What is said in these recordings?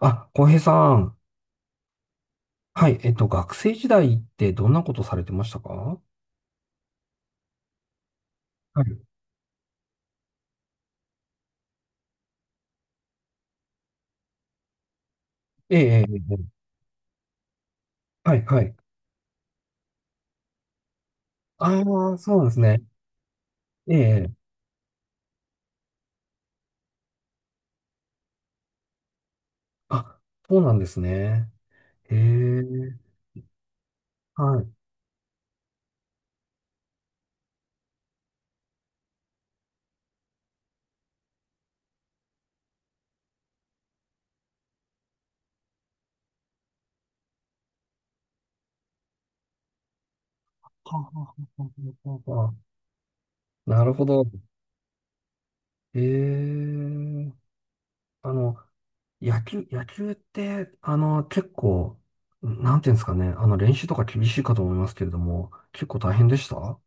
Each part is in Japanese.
あ、浩平さん。はい。学生時代ってどんなことされてましたか？はい。ええ、ええ、ええ、はい、はい。ああ、そうなんですね。ええ、ええ、あ、そうなんですね。へえ、はい。はははははは。なるほど。ええ、あの、野球、野球って、結構、なんていうんですかね。練習とか厳しいかと思いますけれども、結構大変でした？あ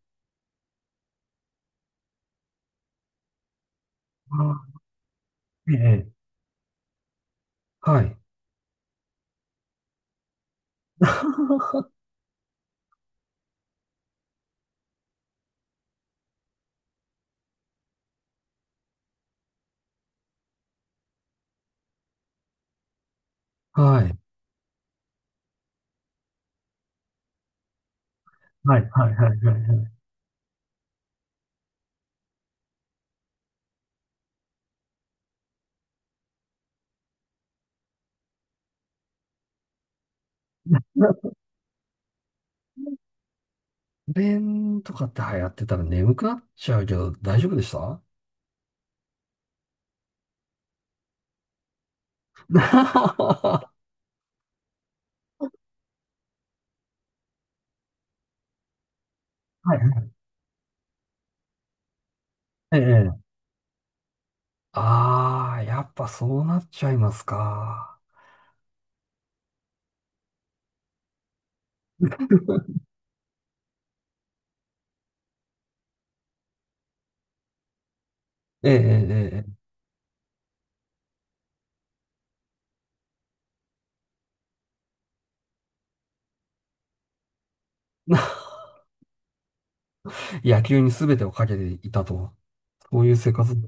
あ、ええ、ええ、はい。はい。はい、はい、はい、はい。はい。弁とかって流行ってたら眠くなっちゃうけど、大丈夫でした？ はい。ええ。ああ、やっぱそうなっちゃいますか。ええ、ええ、ええ。野球に全てをかけていたと。そういう生活。ね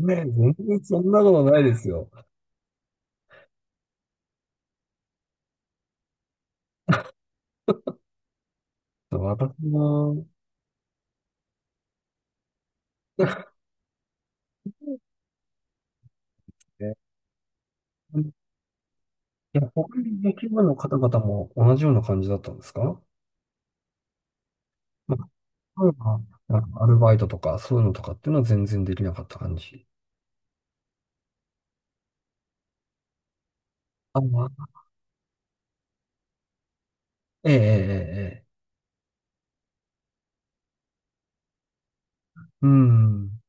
え、全然そんなことないですよ。私も、ええ、いや、他に野球部の方々も同じような感じだったんですか？まあ、例えば、なんかアルバイトとか、そういうのとかっていうのは全然できなかった感じ。ああ、ええ、ええ、ええ。うん。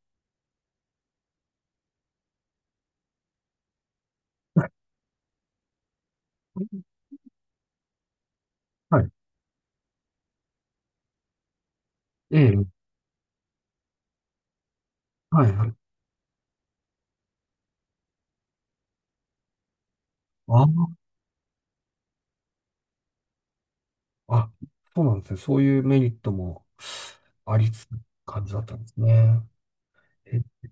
はい。ええ、はい、はい。ああ、あ、そうなんですね。そういうメリットもありつつ感じだったんですね。ええ、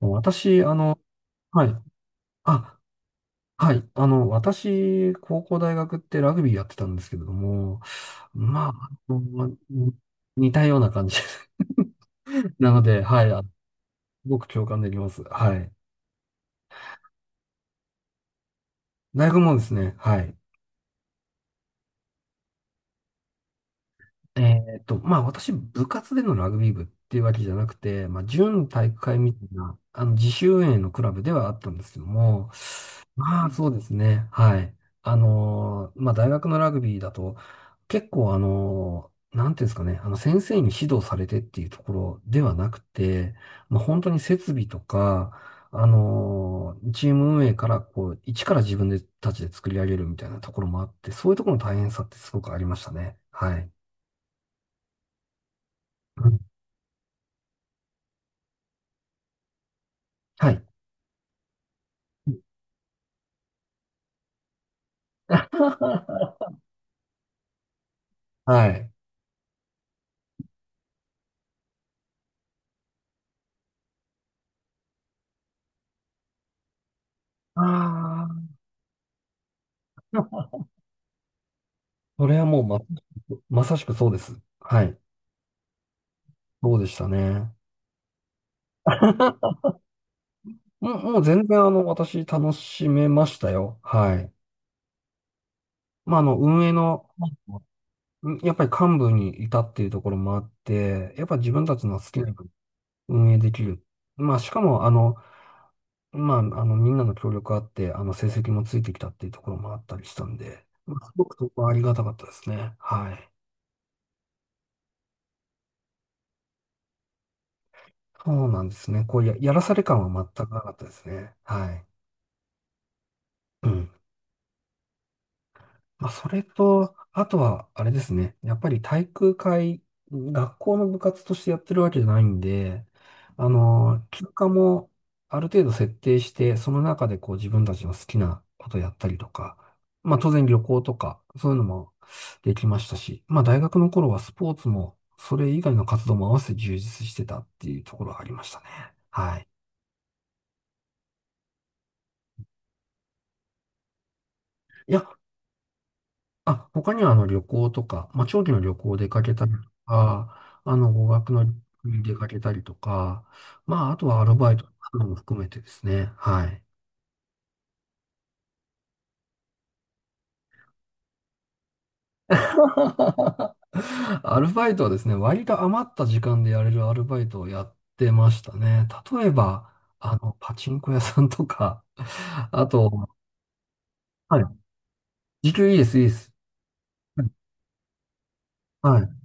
私、はい。あ、はい。私、高校大学ってラグビーやってたんですけれども、まあ、まあのに似たような感じ。 なので、はい。あ、すごく共感できます。はい。大学もですね、はい。まあ私、部活でのラグビー部っていうわけじゃなくて、まあ準体育会みたいな、自主運営のクラブではあったんですけども、まあそうですね、はい。まあ大学のラグビーだと、結構なんていうんですかね、あの先生に指導されてっていうところではなくて、まあ本当に設備とか、チーム運営からこう、一から自分でたちで作り上げるみたいなところもあって、そういうところの大変さってすごくありましたね。はい。うん、はい。はい。ああ、でもそれはもうまさしくそうです。はい。そうでしたね。もう、もう全然私楽しめましたよ。はい。まあ、あの、運営の、うん、やっぱり幹部にいたっていうところもあって、やっぱ自分たちの好きなように運営できる。まあ、しかも、みんなの協力あって、成績もついてきたっていうところもあったりしたんで、まあすごくそこはありがたかったですね。はい。そうなんですね。やらされ感は全くなかったですね。はい。うん。まあ、それと、あとは、あれですね。やっぱり体育会、学校の部活としてやってるわけじゃないんで、休暇もある程度設定して、その中でこう自分たちの好きなことやったりとか、まあ当然旅行とか、そういうのもできましたし、まあ大学の頃はスポーツも、それ以外の活動も合わせて充実してたっていうところがありましたね。はい。いや、あ、他にはあの旅行とか、まあ、長期の旅行出かけたりとか、あの語学の旅行に出かけたりとか、まあ、あとはアルバイトなども含めてですね。はい。アルバイトはですね、割と余った時間でやれるアルバイトをやってましたね。例えば、パチンコ屋さんとか、あと、はい。時給いいです、いいです。はい。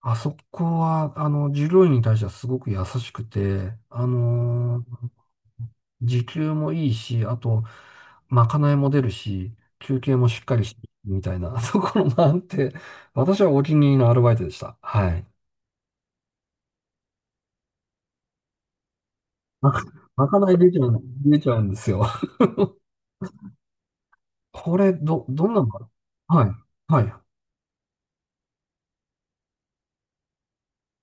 あそこは、従業員に対してはすごく優しくて、時給もいいし、あと、まかないも出るし、休憩もしっかりして、みたいな ところもあって、私はお気に入りのアルバイトでした。はい。まか、まかない出ちゃう、出ちゃうんですよ。これ、どんなのかな。はい。はい。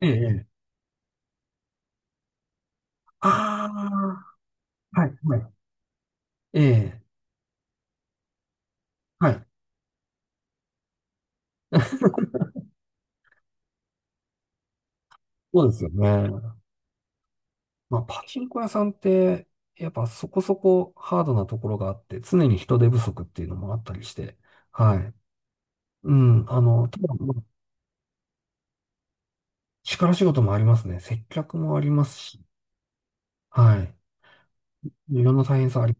ええ。ええ、ああ、はい。はい。ええ。はい。そうですよね。まあ、パチンコ屋さんって、やっぱそこそこハードなところがあって、常に人手不足っていうのもあったりして、はい。うん、ただ、まあ力仕事もありますね。接客もありますし、はい。いろんな大変さあり、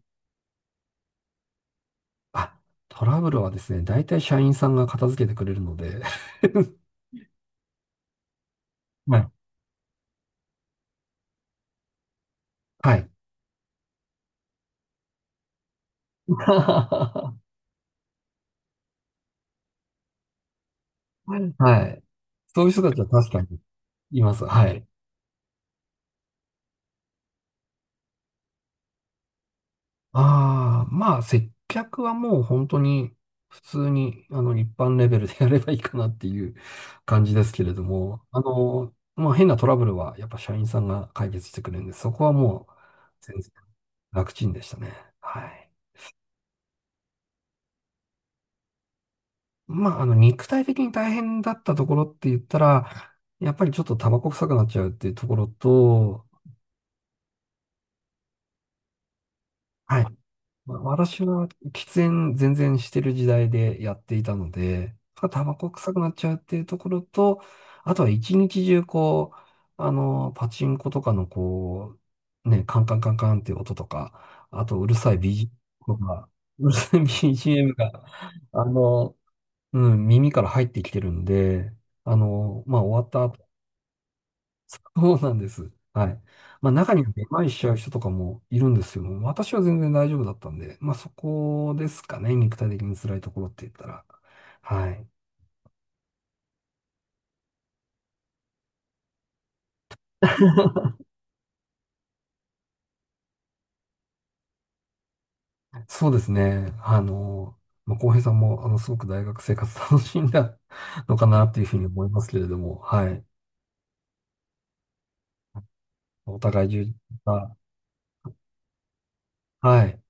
あ、トラブルはですね、大体社員さんが片付けてくれるので、はい。はい。はい。そういう人たちは確かにいます。はい。ああ、まあ、接客はもう本当に普通に、一般レベルでやればいいかなっていう感じですけれども、まあ、変なトラブルはやっぱ社員さんが解決してくれるんで、そこはもう全然楽ちんでしたね。はい。まあ、肉体的に大変だったところって言ったら、やっぱりちょっとタバコ臭くなっちゃうっていうところと、はい。まあ私は喫煙全然してる時代でやっていたので、まあタバコ臭くなっちゃうっていうところと、あとは一日中こう、パチンコとかのこう、ね、カンカンカンカンっていう音とか、あとうるさいビージ m とか、うるさいビー g ムが、あの、うん、耳から入ってきてるんで、まあ終わったそうなんです。はい。まあ中にはめまいしちゃう人とかもいるんですけども、私は全然大丈夫だったんで、まあそこですかね、肉体的に辛いところって言ったら。はい。そうですね。まあ、浩平さんも、すごく大学生活楽しんだのかなっていうふうに思いますけれども、はい。お互い充実した、はい。